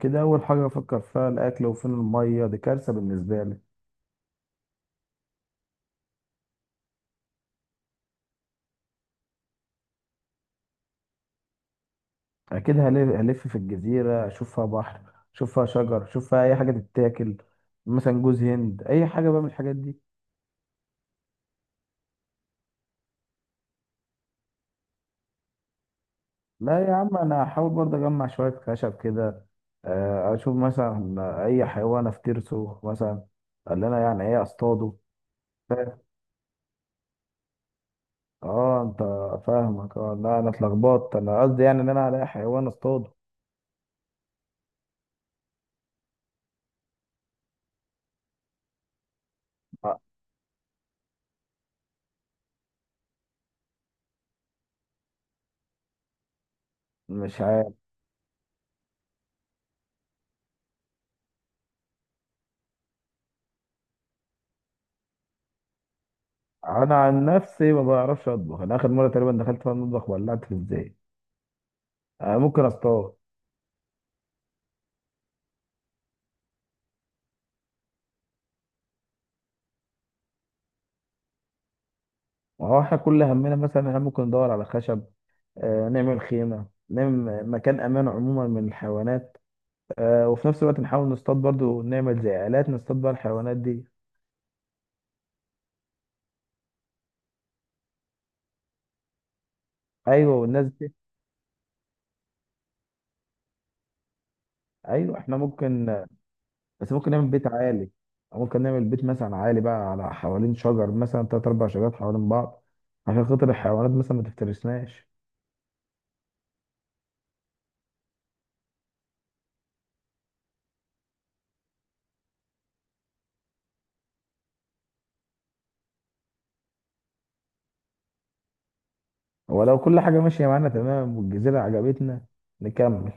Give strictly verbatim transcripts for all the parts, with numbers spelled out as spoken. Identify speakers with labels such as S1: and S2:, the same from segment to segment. S1: كده أول حاجة أفكر فيها الأكل وفين المية. دي كارثة بالنسبة لي. أكيد هلف, هلف في الجزيرة، أشوف فيها بحر، أشوف فيها شجر، أشوف فيها أي حاجة تتاكل، مثلا جوز هند، أي حاجة بقى من الحاجات دي. لا يا عم، أنا هحاول برضه أجمع شوية خشب كده. آه، أشوف مثلا أي حيوان أفترسه، مثلا اللي أنا يعني إيه أصطاده. فاهم؟ أه أنت. فاهمك، أه لا، أنا اتلخبطت. أنا قصدي يعني إن أنا هلاقي حيوان أصطاده. آه، مش عارف. انا عن نفسي ما بعرفش اطبخ. انا اخر مره تقريبا دخلت فيها المطبخ ولعت في الزيت. آه، ممكن اصطاد. ما هو احنا كل همنا مثلا احنا ممكن ندور على خشب. آه، نعمل خيمه، نعمل مكان امان عموما من الحيوانات. آه، وفي نفس الوقت نحاول نصطاد برضو، نعمل زي آلات نصطاد بقى الحيوانات دي. ايوه، والناس دي. ايوه احنا ممكن. بس ممكن نعمل بيت عالي، أو ممكن نعمل بيت مثلا عالي بقى على حوالين شجر، مثلا تلات اربع شجرات حوالين بعض، عشان خاطر الحيوانات مثلا ما تفترسناش. ولو كل حاجة ماشية معانا تمام والجزيرة عجبتنا، نكمل.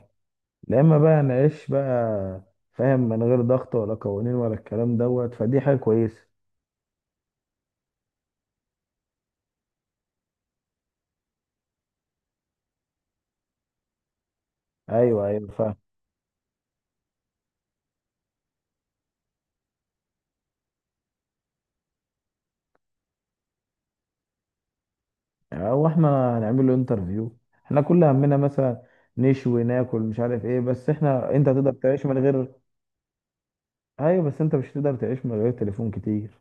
S1: لا، إما بقى نعيش بقى، فاهم، من غير ضغط ولا قوانين ولا الكلام دوت، فدي حاجة كويسة. أيوه أيوه، فاهم. أو إحنا هنعمل له انترفيو. إحنا كل همنا مثلا نشوي ناكل، مش عارف إيه، بس إحنا أنت تقدر تعيش من غير. أيوه، بس أنت مش هتقدر تعيش من غير تليفون كتير.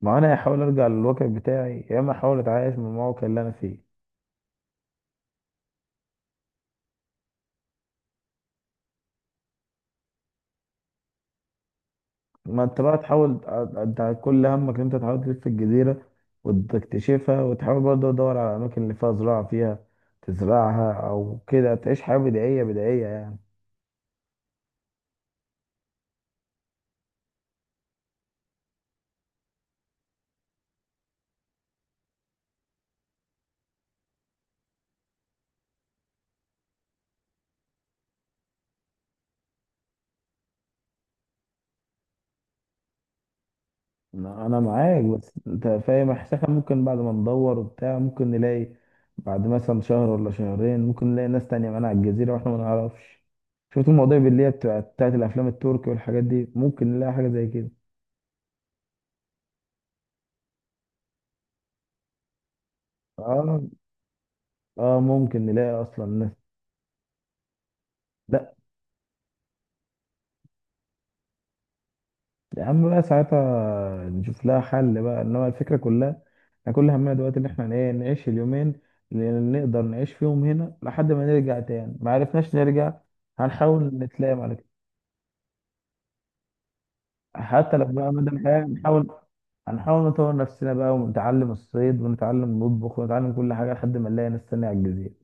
S1: ما أنا هحاول أرجع للواقع بتاعي، يا إما أحاول أتعايش من الموقع اللي أنا فيه. ما انت بقى تحاول. انت كل همك ان انت تحاول تلف الجزيرة وتكتشفها، وتحاول برضه تدور على الأماكن اللي فيها زراعة، فيها تزرعها، أو كده تعيش حياة بدائية بدائية يعني. أنا أنا معاك، بس أنت فاهم إحساسها؟ ممكن بعد ما ندور وبتاع ممكن نلاقي. بعد مثلا شهر ولا شهرين ممكن نلاقي ناس تانية معانا على الجزيرة وإحنا ما نعرفش. شفت المواضيع اللي هي بتاع- بتاعت الأفلام التركي والحاجات دي؟ ممكن نلاقي حاجة زي كده. آه آه، ممكن نلاقي أصلا ناس. لا يا عم، بقى ساعتها نشوف لها حل بقى، انما الفكره كلها احنا كل همنا دلوقتي ان احنا ايه، نعيش اليومين اللي نقدر نعيش فيهم هنا لحد ما نرجع تاني. ما عرفناش نرجع، هنحاول نتلام على كده. حتى لو بقى مدى الحياه هنحاول هنحاول نطور نفسنا بقى، ونتعلم الصيد، ونتعلم نطبخ، ونتعلم كل حاجه لحد ما نلاقي ناس تانية على الجزيره.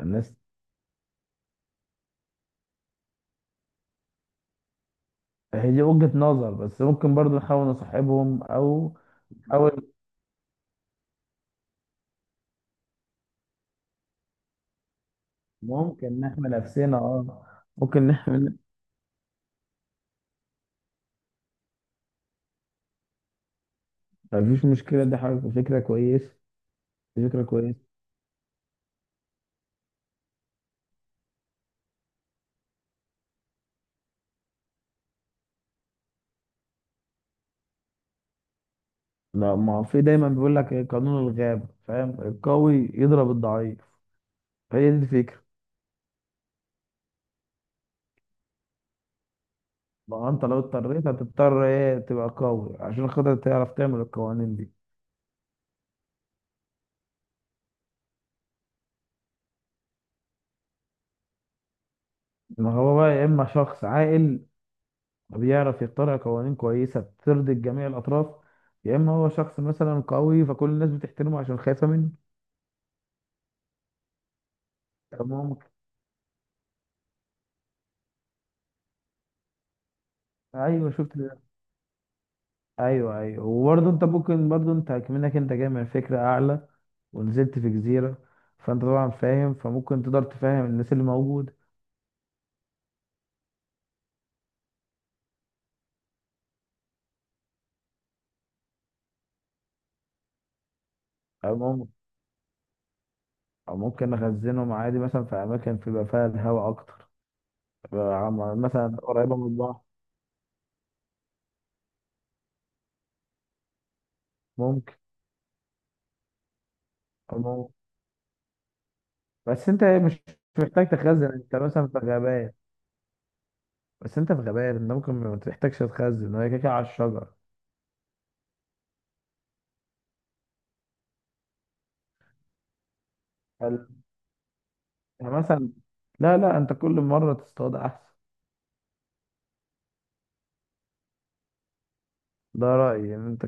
S1: الناس هي دي وجهه نظر، بس ممكن برضو نحاول نصاحبهم، او نحاول. ممكن نحمي نفسنا، اه ممكن نحمي. مفيش مشكلة، دي حاجة فكرة كويس. دي فكرة كويس. لا، ما هو في دايما بيقول لك إيه؟ قانون الغابة فاهم، القوي يضرب الضعيف. هي دي الفكرة. ما هو انت لو اضطريت هتضطر ايه؟ تبقى قوي عشان خاطر تعرف تعمل القوانين دي. ما هو بقى يا اما شخص عاقل بيعرف يخترع قوانين كويسة ترضي جميع الأطراف، يا اما هو شخص مثلا قوي فكل الناس بتحترمه عشان خايفة منه. طب ما هو ممكن. ايوه شفت. ايوه ايوه، وبرضه انت ممكن، برضه انت كمنك انت جاي من فكره اعلى ونزلت في جزيره، فانت طبعا فاهم، فممكن تقدر تفهم الناس اللي موجود. او ممكن او ممكن نخزنهم عادي مثلا في اماكن بيبقى فيها الهواء اكتر، بيبقى عم- مثلا قريبه من البحر. ممكن. أو ممكن. بس انت مش محتاج تخزن. انت مثلا في غابات، بس انت في غابات انت ممكن ما تحتاجش تخزن، هي كده كده على الشجر. فال- مثلا، لا لا، انت كل مره تصطاد احسن. ده رايي ان انت.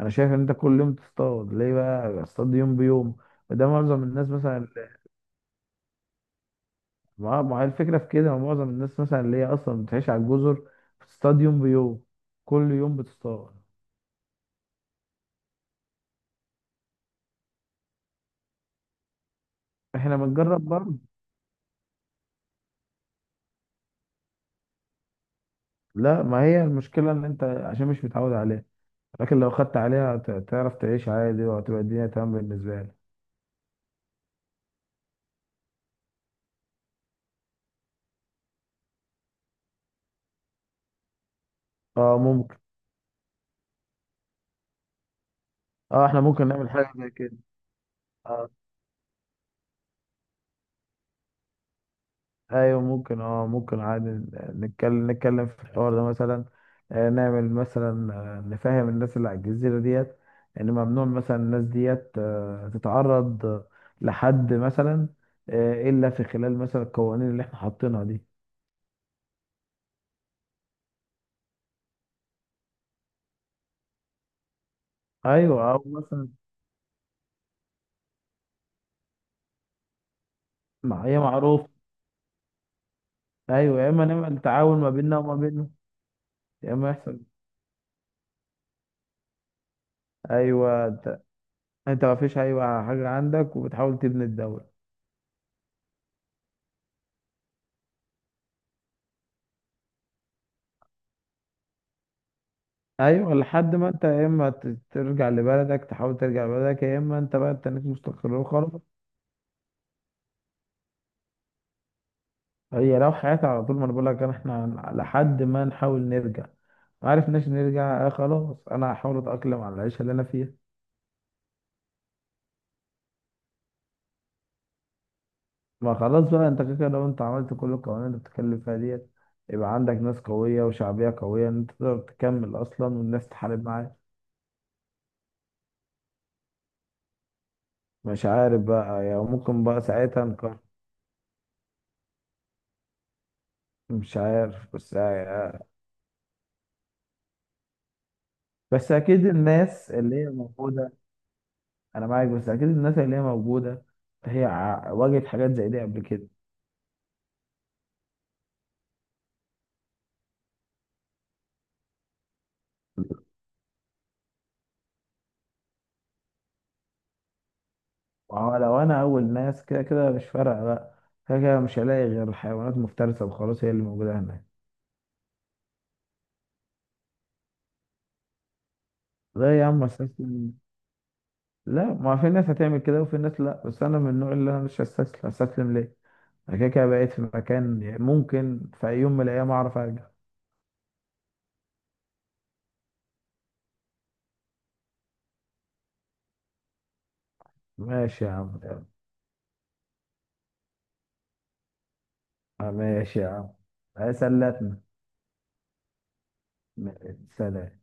S1: انا شايف ان انت كل يوم تصطاد، ليه بقى؟ اصطاد يوم بيوم. وده معظم الناس مثلا. ما ما هي الفكره في كده، معظم الناس مثلا اللي هي اصلا بتعيش على الجزر بتصطاد يوم بيوم، كل يوم بتصطاد. احنا بنجرب برضه. لا، ما هي المشكله ان انت عشان مش متعود عليها. لكن لو خدت عليها هت- تعرف تعيش عادي، وهتبقى الدنيا تمام بالنسبه لك. اه ممكن. اه احنا ممكن نعمل حاجه زي كده. آه. ايوه ممكن، اه ممكن عادي. نتكلم نتكلم في الحوار ده مثلا. آه، نعمل مثلا، آه، نفهم الناس اللي على الجزيرة ديت ان ممنوع مثلا الناس ديت آه، تتعرض آه، لحد مثلا، آه، الا في خلال مثلا القوانين اللي احنا حاطينها دي. ايوه، او مثلا مع- هي معروف. ايوه، يا اما نعمل تعاون ما بيننا وما بينهم، يا اما يحصل. ايوه انت. انت، ما فيش، ايوه، حاجة عندك وبتحاول تبني الدولة. ايوه، لحد ما انت يا اما ت- ترجع لبلدك، تحاول ترجع لبلدك، يا اما انت بقى تنك مستقر خالص. هي لو حياتي على طول، ما انا بقول لك انا، احنا لحد ما نحاول نرجع. ما عرفناش نرجع، آه خلاص انا هحاول اتاقلم على العيشه اللي انا فيها. ما خلاص بقى، انت كده كده لو انت عملت كل القوانين اللي بتتكلم فيها ديت، يبقى عندك ناس قويه وشعبيه قويه ان انت تقدر تكمل اصلا، والناس تحارب معاك. مش عارف بقى يعني، ممكن بقى ساعتها نقرر. مش عارف، بس آه، بس اكيد الناس اللي هي موجوده. انا معاك، بس اكيد الناس اللي هي موجوده هي ع- واجهت حاجات زي دي قبل كده. وهو لو انا اول ناس، كده كده مش فارقه بقى. كده كده مش هلاقي غير حيوانات مفترسه وخلاص، هي اللي موجوده هناك. لا يا عم، استسلم؟ لا، ما في ناس هتعمل كده وفي ناس لا، بس انا من النوع اللي انا مش هستسلم. هستسلم ليه؟ انا كده كده بقيت في مكان، يعني ممكن في أي يوم من الايام اعرف ارجع. ماشي يا عم. آه، ماشي يا عم. آه، سلتنا. ماشي، سلام.